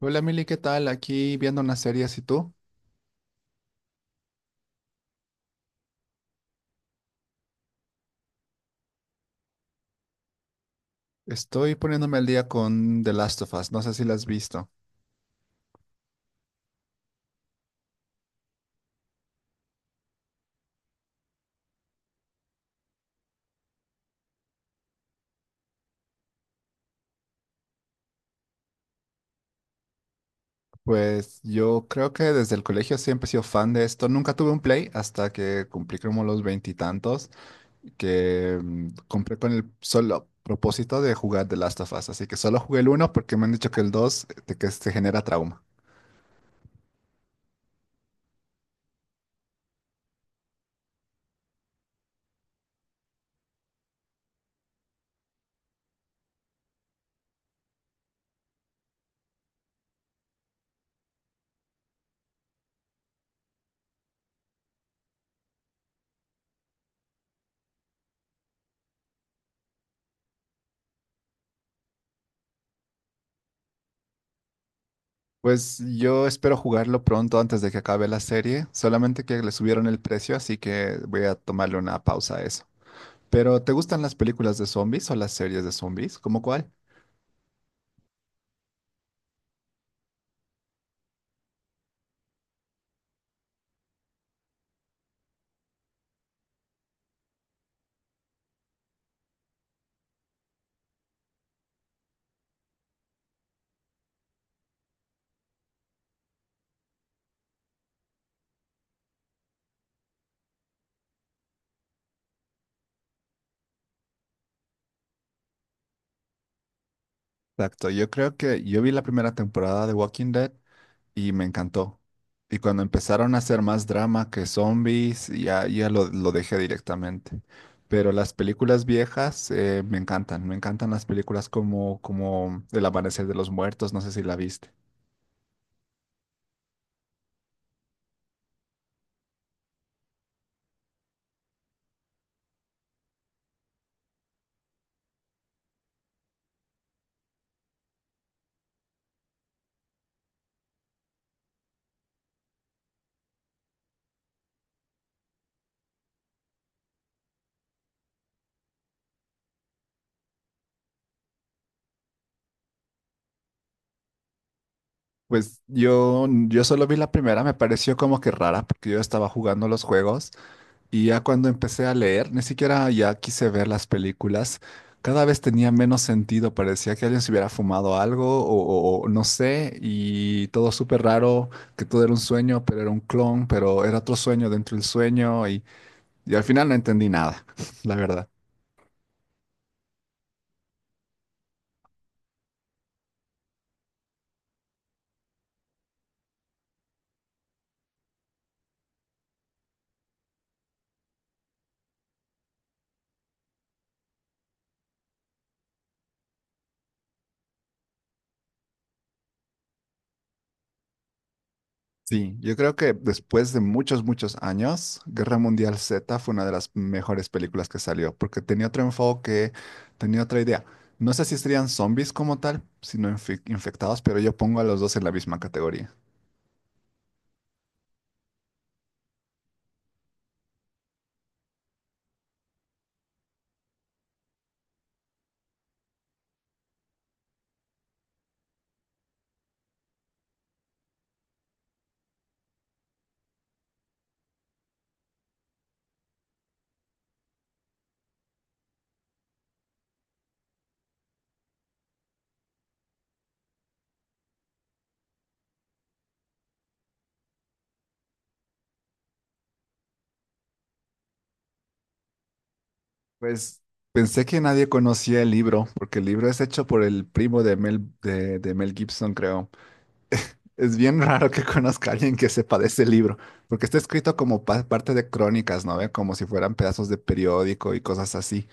Hola Mili, ¿qué tal? Aquí viendo una serie, ¿y tú? Estoy poniéndome al día con The Last of Us, no sé si la has visto. Pues yo creo que desde el colegio siempre he sido fan de esto. Nunca tuve un Play hasta que cumplí como los veintitantos, que compré con el solo propósito de jugar The Last of Us, así que solo jugué el uno porque me han dicho que que te genera trauma. Pues yo espero jugarlo pronto antes de que acabe la serie, solamente que le subieron el precio, así que voy a tomarle una pausa a eso. Pero ¿te gustan las películas de zombies o las series de zombies? ¿Cómo cuál? Exacto, yo creo que yo vi la primera temporada de Walking Dead y me encantó. Y cuando empezaron a hacer más drama que zombies, ya, ya lo dejé directamente. Pero las películas viejas me encantan las películas como, como El Amanecer de los Muertos, no sé si la viste. Pues yo solo vi la primera, me pareció como que rara, porque yo estaba jugando los juegos. Y ya cuando empecé a leer, ni siquiera ya quise ver las películas. Cada vez tenía menos sentido, parecía que alguien se hubiera fumado algo o no sé, y todo súper raro, que todo era un sueño, pero era un clon, pero era otro sueño dentro del sueño, y al final no entendí nada, la verdad. Sí, yo creo que después de muchos, muchos años, Guerra Mundial Z fue una de las mejores películas que salió, porque tenía otro enfoque, tenía otra idea. No sé si serían zombies como tal, sino infectados, pero yo pongo a los dos en la misma categoría. Pues pensé que nadie conocía el libro, porque el libro es hecho por el primo de de Mel Gibson, creo. Es bien raro que conozca a alguien que sepa de ese libro, porque está escrito como parte de crónicas, ¿no ve? Como si fueran pedazos de periódico y cosas así.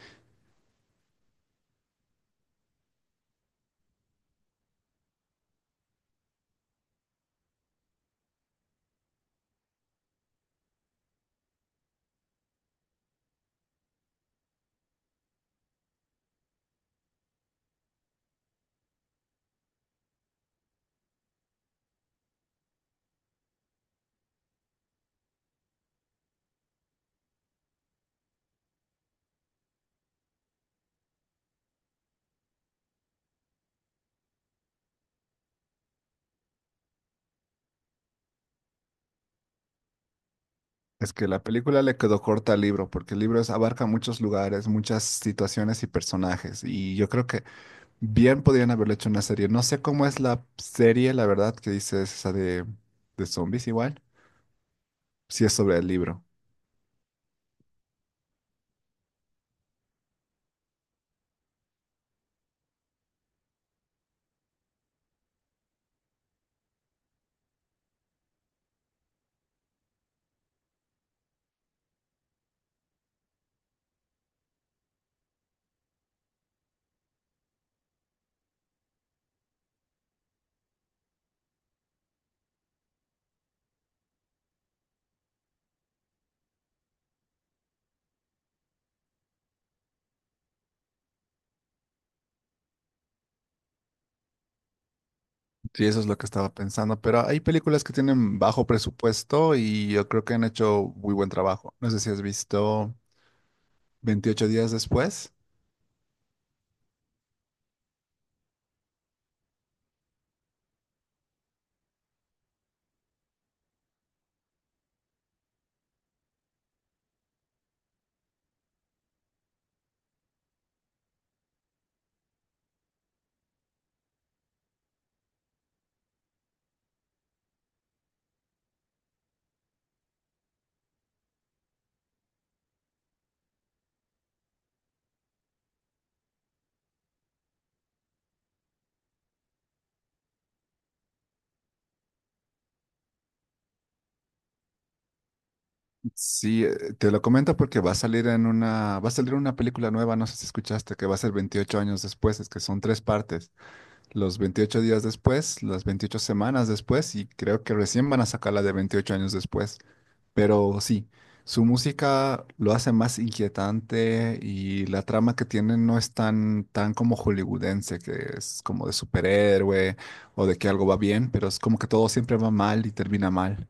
Es que la película le quedó corta al libro, porque el abarca muchos lugares, muchas situaciones y personajes, y yo creo que bien podrían haberlo hecho una serie. No sé cómo es la serie, la verdad, que dices esa de zombies igual, si es sobre el libro. Sí, eso es lo que estaba pensando, pero hay películas que tienen bajo presupuesto y yo creo que han hecho muy buen trabajo. No sé si has visto Veintiocho días después. Sí, te lo comento porque va a salir en una, va a salir una película nueva, no sé si escuchaste, que va a ser 28 años después, es que son tres partes, los 28 días después, las 28 semanas después y creo que recién van a sacar la de 28 años después. Pero sí, su música lo hace más inquietante y la trama que tiene no es tan, tan como hollywoodense, que es como de superhéroe o de que algo va bien, pero es como que todo siempre va mal y termina mal.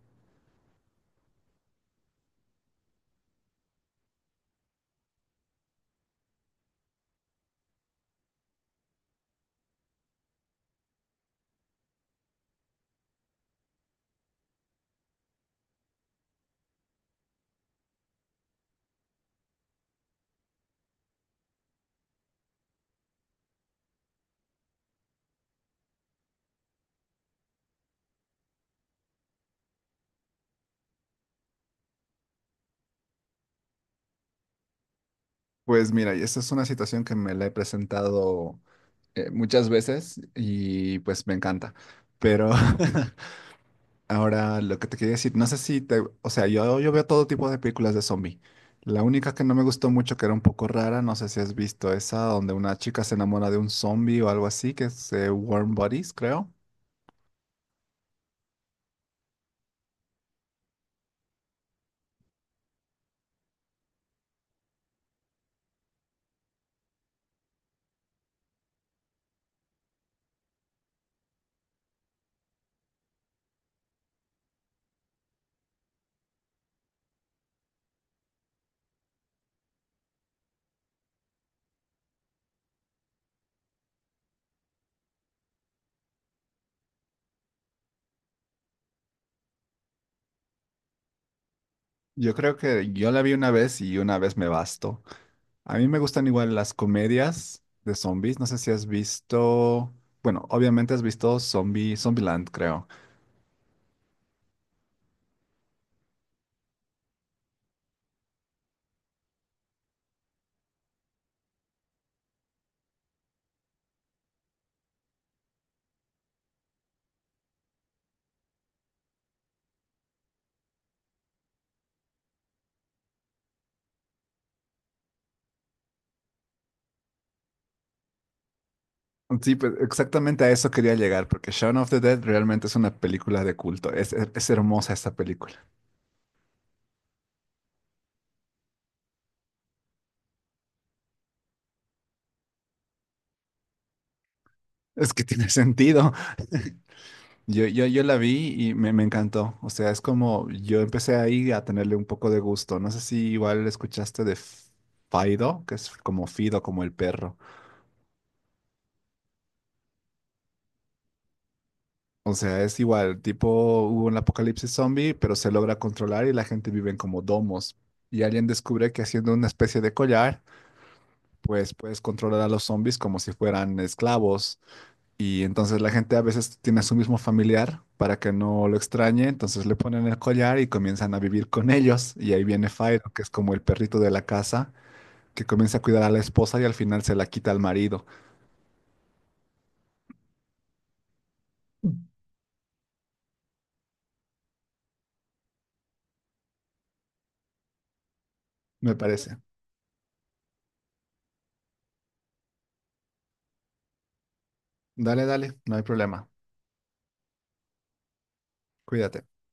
Pues mira, y esta es una situación que me la he presentado muchas veces y pues me encanta. Pero ahora lo que te quería decir, no sé si te, o sea, yo veo todo tipo de películas de zombie. La única que no me gustó mucho, que era un poco rara, no sé si has visto esa, donde una chica se enamora de un zombie o algo así, que es Warm Bodies, creo. Yo creo que yo la vi una vez y una vez me bastó. A mí me gustan igual las comedias de zombies. No sé si has visto. Bueno, obviamente has visto Zombieland, creo. Sí, pues exactamente a eso quería llegar, porque Shaun of the Dead realmente es una película de culto. Es hermosa esta película. Es que tiene sentido. Yo la vi y me encantó. O sea, es como yo empecé ahí a tenerle un poco de gusto. No sé si igual escuchaste de Fido, que es como Fido, como el perro. O sea, es igual, tipo hubo un apocalipsis zombie, pero se logra controlar y la gente vive en como domos. Y alguien descubre que haciendo una especie de collar, pues puedes controlar a los zombies como si fueran esclavos. Y entonces la gente a veces tiene a su mismo familiar para que no lo extrañe, entonces le ponen el collar y comienzan a vivir con ellos. Y ahí viene Fyro, que es como el perrito de la casa, que comienza a cuidar a la esposa y al final se la quita al marido, me parece. Dale, dale, no hay problema. Cuídate.